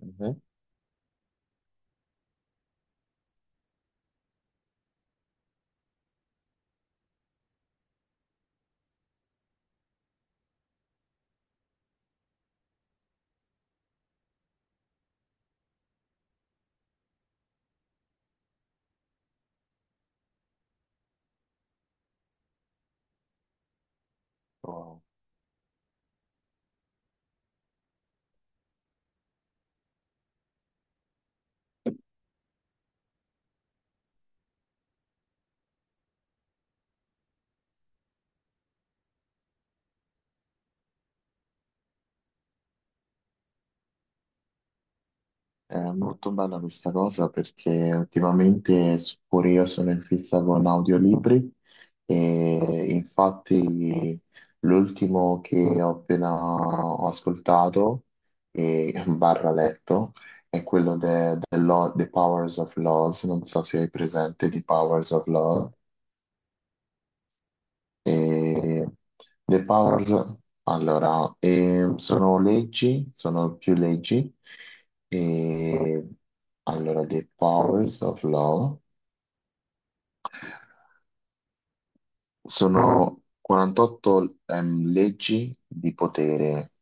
Mhm. Oh, è molto bella questa cosa perché ultimamente pure io sono in fissa con audiolibri e infatti l'ultimo che ho appena ho ascoltato e barra letto è quello de The Powers of Laws, non so se hai presente The Powers of Law. E The Powers, allora, sono leggi, sono più leggi. E allora, The Powers of Law. Sono 48 leggi di potere,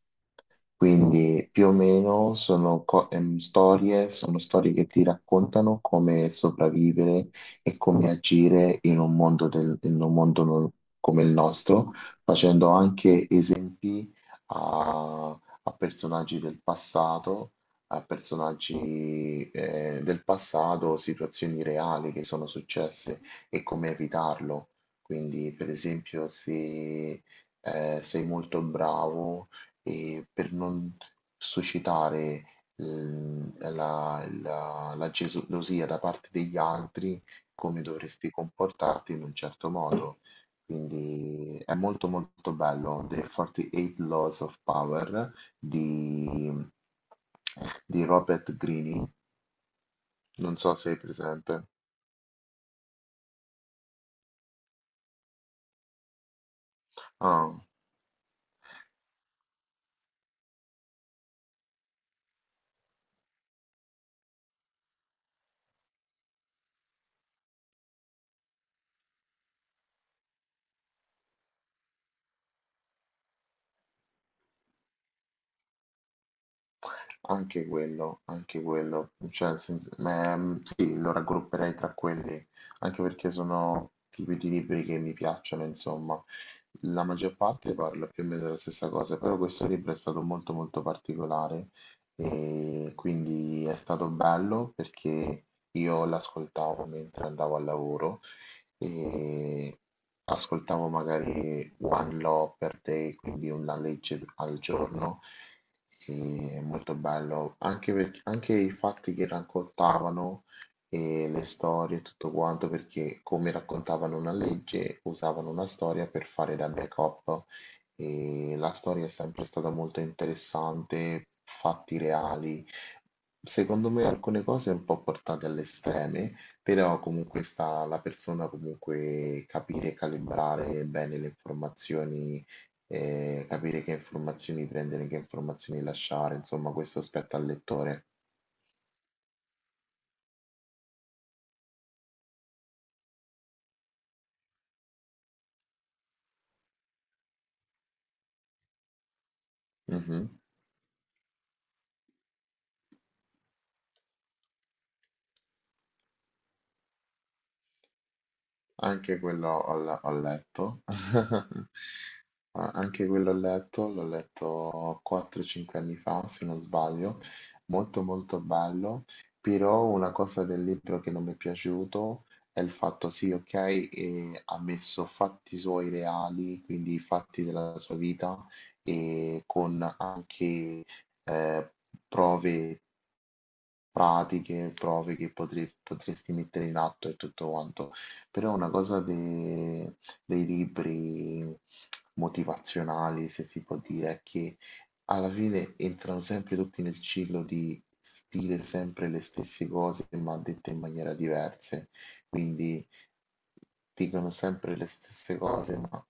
quindi più o meno sono storie, sono storie che ti raccontano come sopravvivere e come agire in un mondo, in un mondo come il nostro, facendo anche esempi a personaggi del passato, a personaggi del passato, situazioni reali che sono successe e come evitarlo. Quindi, per esempio, se sei molto bravo e per non suscitare la gelosia da parte degli altri, come dovresti comportarti in un certo modo. Quindi è molto molto bello, The 48 Laws of Power di, di Robert Greene, non so se hai presente. Ah. Anche quello, cioè, nel senso- ma, sì, lo raggrupperei tra quelli, anche perché sono tipi di libri che mi piacciono, insomma. La maggior parte parla più o meno della stessa cosa, però questo libro è stato molto molto particolare e quindi è stato bello perché io l'ascoltavo mentre andavo al lavoro e ascoltavo magari One Law per Day, quindi una legge al giorno, è molto bello, anche, perché- anche i fatti che raccontavano e le storie e tutto quanto, perché come raccontavano una legge, usavano una storia per fare da backup e la storia è sempre stata molto interessante, fatti reali. Secondo me alcune cose un po' portate all'estremo, però comunque sta alla persona comunque capire e calibrare bene le informazioni, capire che informazioni prendere, che informazioni lasciare, insomma questo spetta al lettore. Mhm. Anche quello ho, ho letto. Ah, anche quello ho letto, l'ho letto 4-5 anni fa, se non sbaglio, molto molto bello, però una cosa del libro che non mi è piaciuto è il fatto, sì, ok, ha messo fatti suoi reali, quindi fatti della sua vita, e con anche eh, prove pratiche, prove che potresti mettere in atto e tutto quanto. Però una cosa dei libri motivazionali, se si può dire, è che alla fine entrano sempre tutti nel ciclo di dire sempre le stesse cose, ma dette in maniera diversa. Quindi dicono sempre le stesse cose, ma...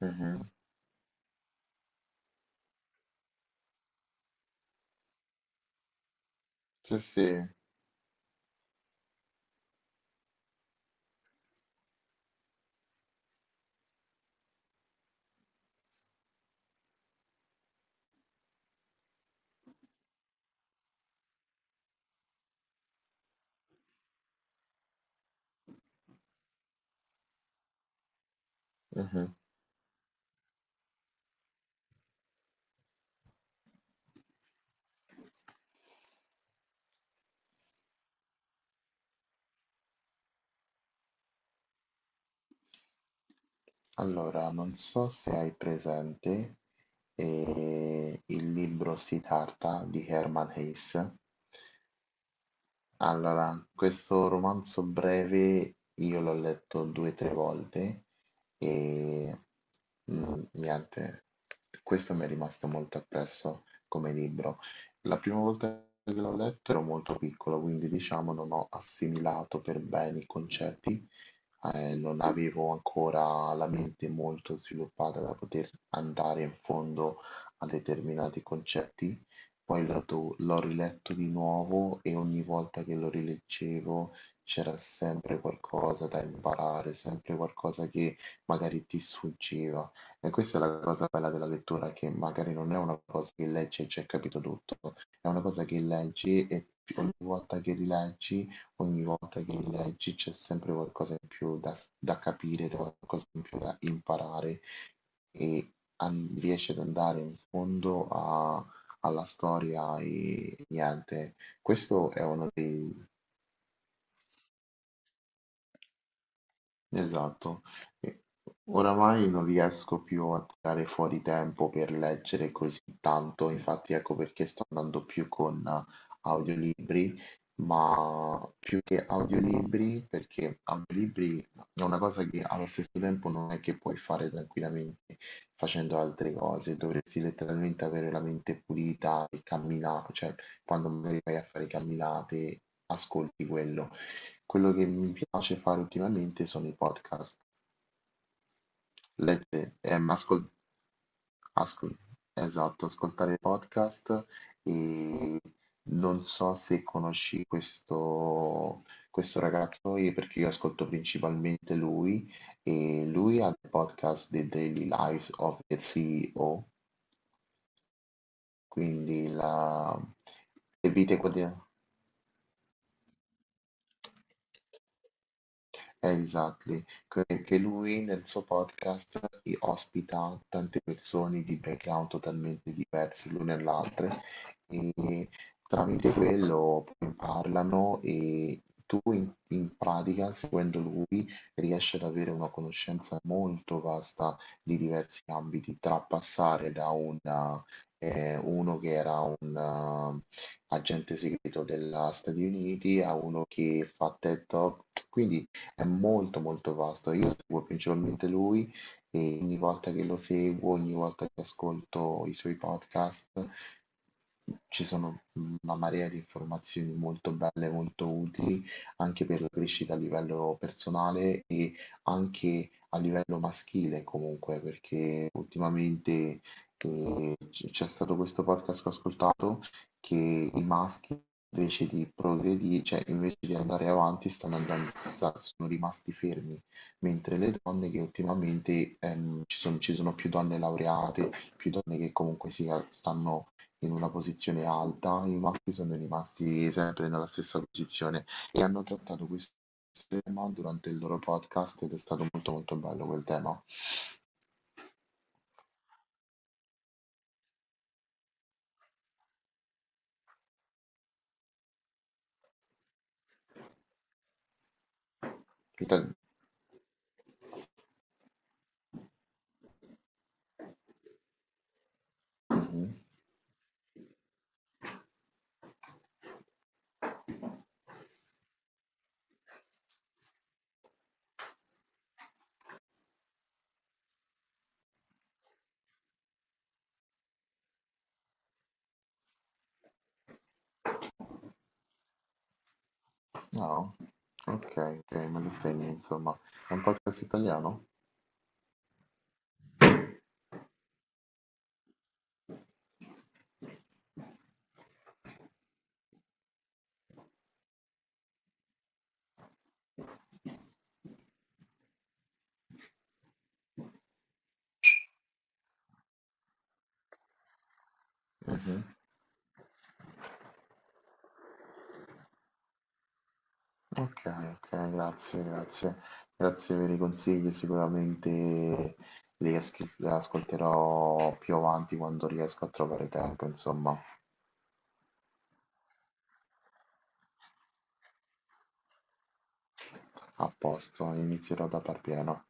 Mhm. Sì, sì. Mhm. Allora, non so se hai presente il libro Siddhartha di Hermann Hesse. Allora, questo romanzo breve io l'ho letto due o tre volte e niente, questo mi è rimasto molto appresso come libro. La prima volta che l'ho letto ero molto piccolo, quindi diciamo non ho assimilato per bene i concetti, non avevo ancora la mente molto sviluppata da poter andare in fondo a determinati concetti. Poi l'ho riletto di nuovo e ogni volta che lo rileggevo c'era sempre qualcosa da imparare, sempre qualcosa che magari ti sfuggiva. E questa è la cosa bella della lettura, che magari non è una cosa che leggi e c'è capito tutto, è una cosa che leggi e ogni volta che rileggi, ogni volta che rileggi c'è sempre qualcosa in più da capire, qualcosa in più da imparare e riesci ad andare in fondo a alla storia e niente, questo è uno dei. Esatto. E oramai non riesco più a tirare fuori tempo per leggere così tanto, infatti ecco perché sto andando più con audiolibri, ma più che audiolibri, perché audiolibri è una cosa che allo stesso tempo non è che puoi fare tranquillamente facendo altre cose, dovresti letteralmente avere la mente pulita e camminare, cioè quando magari vai a fare camminate, ascolti quello. Quello che mi piace fare ultimamente sono i podcast, lette- ehm, ascol- ascol- esatto, ascoltare podcast e non so se conosci questo, questo ragazzo perché io ascolto principalmente lui e lui ha il podcast The Daily Lives of the CEO, quindi la, le vite quotidiane. Exactly, che lui nel suo podcast ospita tante persone di background totalmente diversi l'una e l'altra e tramite quello poi parlano e tu in pratica, seguendo lui, riesci ad avere una conoscenza molto vasta di diversi ambiti, tra passare da una, uno che era un agente segreto degli Stati Uniti a uno che fa TED Talk, quindi è molto molto vasto. Io seguo principalmente lui e ogni volta che lo seguo, ogni volta che ascolto i suoi podcast, ci sono una marea di informazioni molto belle, molto utili anche per la crescita a livello personale e anche a livello maschile comunque, perché ultimamente c'è stato questo podcast che ho ascoltato che i maschi invece di progredire, cioè invece di andare avanti, stanno andando, sono rimasti fermi, mentre le donne che ultimamente ci sono più donne laureate, più donne che comunque si, stanno in una posizione alta, i maschi sono rimasti sempre nella stessa posizione e hanno trattato questo tema durante il loro podcast ed è stato molto molto bello quel tema. Che te- Mhm. No? Ok, ok, me lo segni, insomma. È un podcast italiano? Mh-mh. Okay, okay, grazie, grazie. Grazie per i consigli, sicuramente li ascolterò più avanti quando riesco a trovare tempo, insomma. A posto, inizierò da par pieno.